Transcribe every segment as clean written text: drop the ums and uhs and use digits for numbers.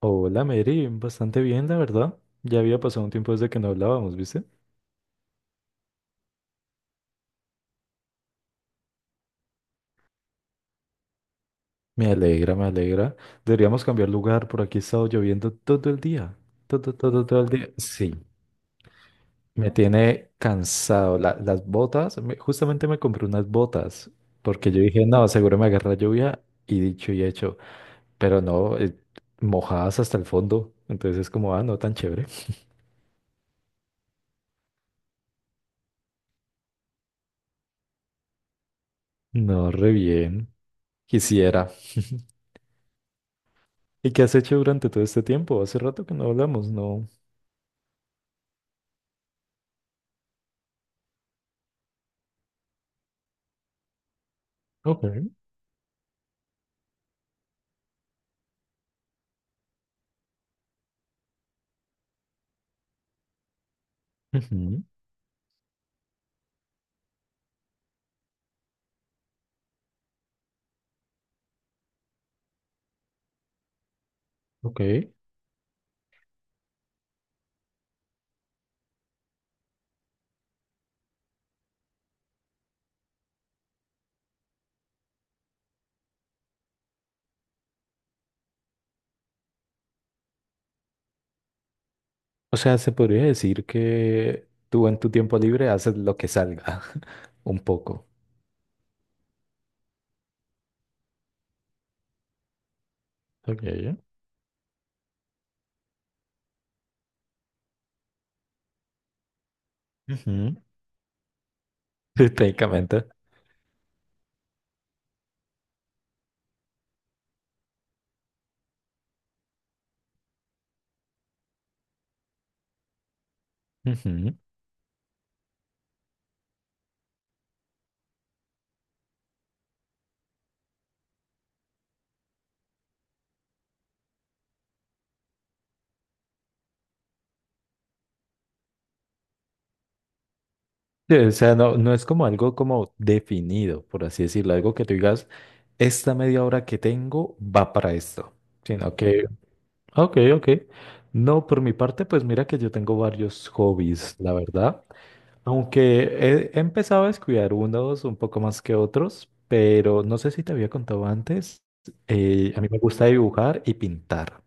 Hola Mary, bastante bien, la verdad. Ya había pasado un tiempo desde que no hablábamos, ¿viste? Me alegra, me alegra. Deberíamos cambiar lugar, por aquí ha estado lloviendo todo el día. Todo, todo, todo el día. Sí, me tiene cansado. La- las botas, me- justamente me compré unas botas, porque yo dije, no, seguro me agarra lluvia, y dicho y hecho. Pero no, mojadas hasta el fondo. Entonces es como, ah, no tan chévere. No, re bien. Quisiera. ¿Y qué has hecho durante todo este tiempo? Hace rato que no hablamos, ¿no? Ok. Ujú. Ok. O sea, se podría decir que tú en tu tiempo libre haces lo que salga, un poco. Ok. Ujú. Sí, técnicamente. Ujú. Sí, o sea, no, no es como algo como definido, por así decirlo, algo que tú digas, esta media hora que tengo va para esto, sino que, ok, ok. No, por mi parte, pues mira que yo tengo varios hobbies, la verdad. Aunque he empezado a descuidar unos un poco más que otros, pero no sé si te había contado antes, a mí me gusta dibujar y pintar.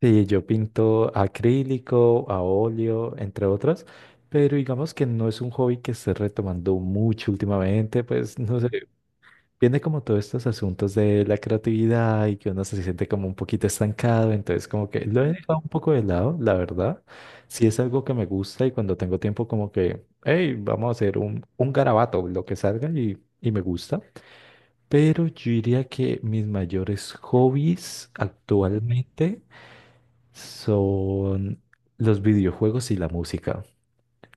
Sí, yo pinto a acrílico, a óleo, entre otras, pero digamos que no es un hobby que esté retomando mucho últimamente, pues no sé, viene como todos estos asuntos de la creatividad y que uno se siente como un poquito estancado, entonces como que lo he dejado un poco de lado, la verdad. Si es algo que me gusta y cuando tengo tiempo como que, hey, vamos a hacer un garabato, lo que salga y me gusta. Pero yo diría que mis mayores hobbies actualmente son los videojuegos y la música,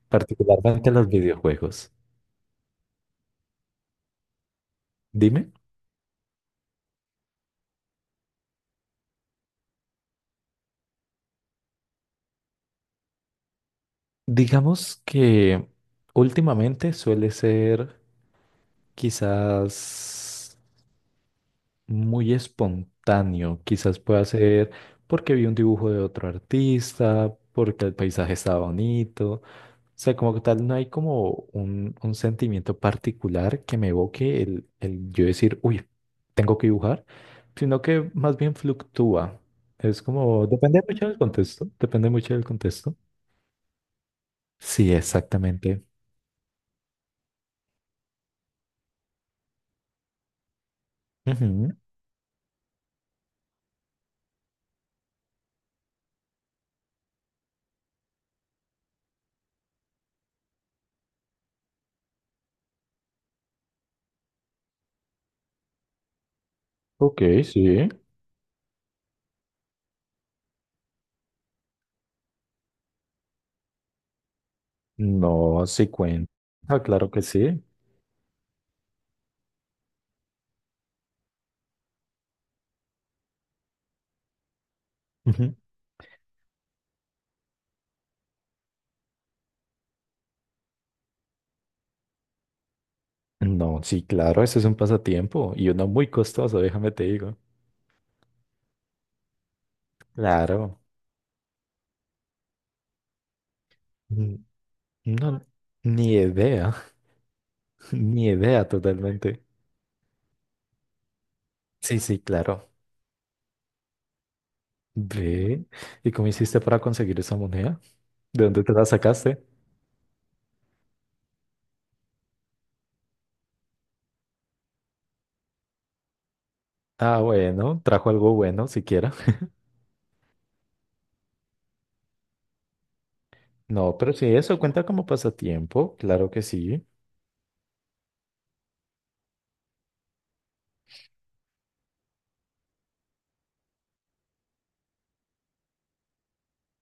particularmente los videojuegos. Dime, digamos que últimamente suele ser quizás muy espontáneo, quizás pueda ser porque vi un dibujo de otro artista, porque el paisaje estaba bonito. O sea, como que tal, no hay como un sentimiento particular que me evoque el yo decir, uy, tengo que dibujar, sino que más bien fluctúa. Es como, depende mucho del contexto, depende mucho del contexto. Sí, exactamente. Ujú. Ok, sí. No, sí cuenta. Ah, claro que sí. Ujú. No, sí, claro, eso es un pasatiempo y uno muy costoso, déjame te digo. Claro. Mm. No, ni idea, ni idea totalmente. Sí, sí, claro. Ve, ¿y cómo hiciste para conseguir esa moneda? ¿De dónde te la sacaste? Ah, bueno, trajo algo bueno siquiera. No, pero sí, eso cuenta como pasatiempo, claro que sí.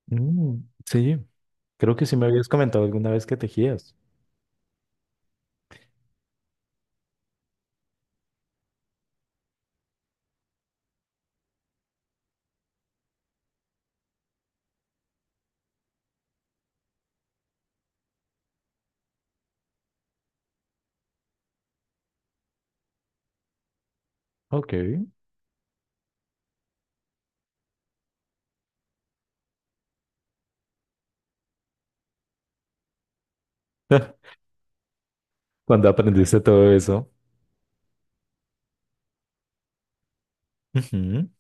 Mm, sí, creo que sí me habías comentado alguna vez que tejías. Ok. ¿Cuando aprendiste todo eso? Ujú.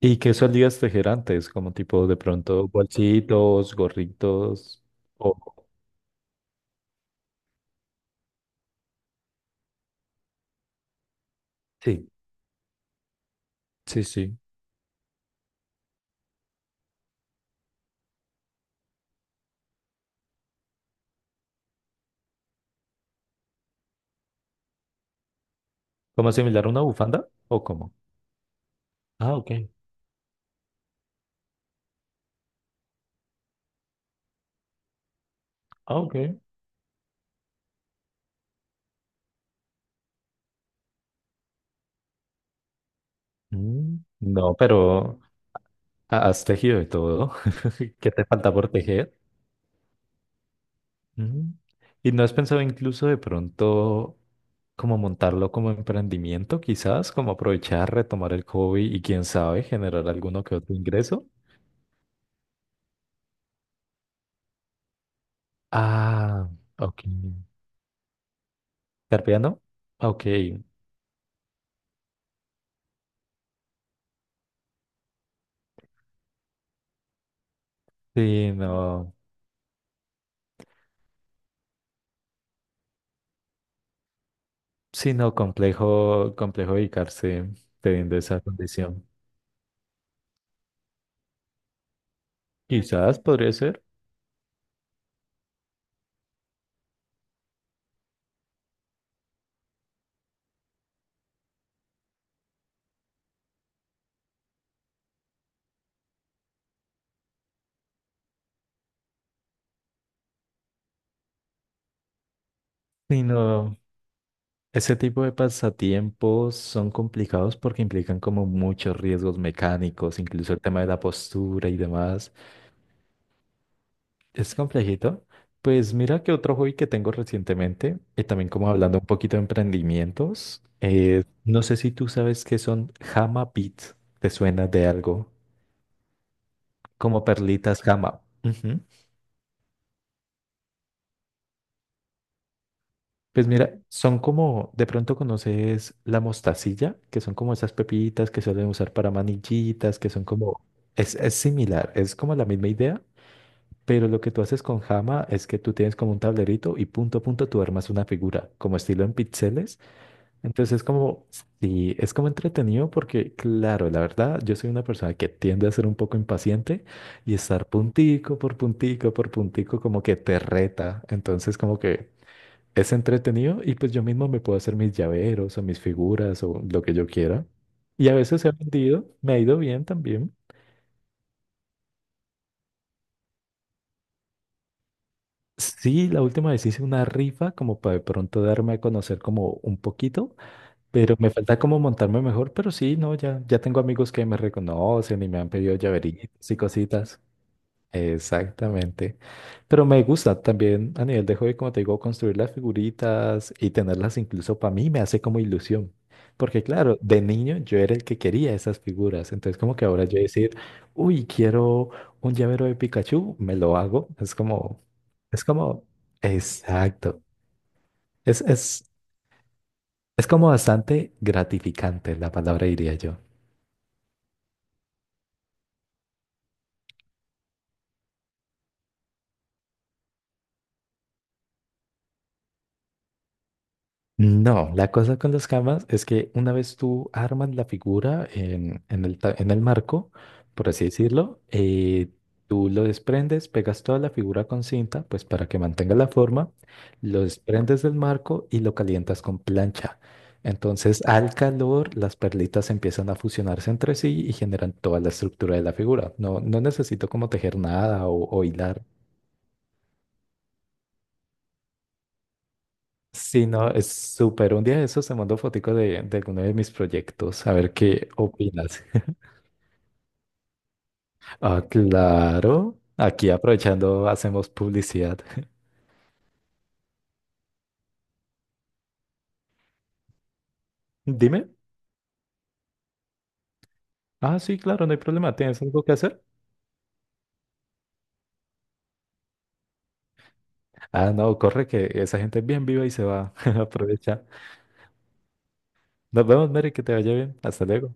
¿Y qué solías tejer antes? Como tipo de pronto bolsitos, gorritos o... Sí, sí, sí. ¿Como similar a una bufanda o cómo? Ah, ok. Ah, ok. Mm, no, pero has tejido de todo. ¿Qué te falta por tejer? Mm. ¿Y no has pensado incluso de pronto como montarlo como emprendimiento, quizás, como aprovechar, retomar el hobby y quién sabe, generar alguno que otro ingreso? Ah, ok. ¿Carpeano? Ok. Sí, no, sí, no, complejo, complejo dedicarse teniendo esa condición. Quizás podría ser. Sí, no, ese tipo de pasatiempos son complicados porque implican como muchos riesgos mecánicos, incluso el tema de la postura y demás. Es complejito. Pues mira que otro hobby que tengo recientemente, y también como hablando un poquito de emprendimientos, no sé si tú sabes qué son Hama Beats, ¿te suena de algo? Como perlitas Hama. Pues mira, son como, de pronto conoces la mostacilla, que son como esas pepitas que suelen usar para manillitas, que son como, es similar, es como la misma idea, pero lo que tú haces con Jama es que tú tienes como un tablerito y punto a punto tú armas una figura, como estilo en píxeles. Entonces es como, sí, es como entretenido porque, claro, la verdad, yo soy una persona que tiende a ser un poco impaciente y estar puntico por puntico por puntico como que te reta. Entonces como que... Es entretenido y pues yo mismo me puedo hacer mis llaveros o mis figuras o lo que yo quiera. Y a veces he vendido, me ha ido bien también. Sí, la última vez hice una rifa como para de pronto darme a conocer como un poquito, pero me falta como montarme mejor, pero sí, no, ya, ya tengo amigos que me reconocen y me han pedido llaveritos y cositas. Exactamente. Pero me gusta también a nivel de hobby, como te digo, construir las figuritas y tenerlas incluso para mí me hace como ilusión. Porque claro, de niño yo era el que quería esas figuras. Entonces como que ahora yo decir, uy, quiero un llavero de Pikachu, me lo hago. Es como, exacto. Es, es, es como bastante gratificante la palabra, diría yo. No, la cosa con las camas es que una vez tú armas la figura en el, en el marco, por así decirlo, tú lo desprendes, pegas toda la figura con cinta, pues para que mantenga la forma, lo desprendes del marco y lo calientas con plancha. Entonces, al calor, las perlitas empiezan a fusionarse entre sí y generan toda la estructura de la figura. No, no necesito como tejer nada o hilar. Sí, no, es súper. Un día de esos se mandó fotico de alguno de mis proyectos, a ver qué opinas. Ah, claro. Aquí aprovechando, hacemos publicidad. Dime. Ah, sí, claro, no hay problema. ¿Tienes algo que hacer? Ah, no, corre que esa gente es bien viva y se va. Aprovecha. Nos vemos, Mary, que te vaya bien. Hasta luego.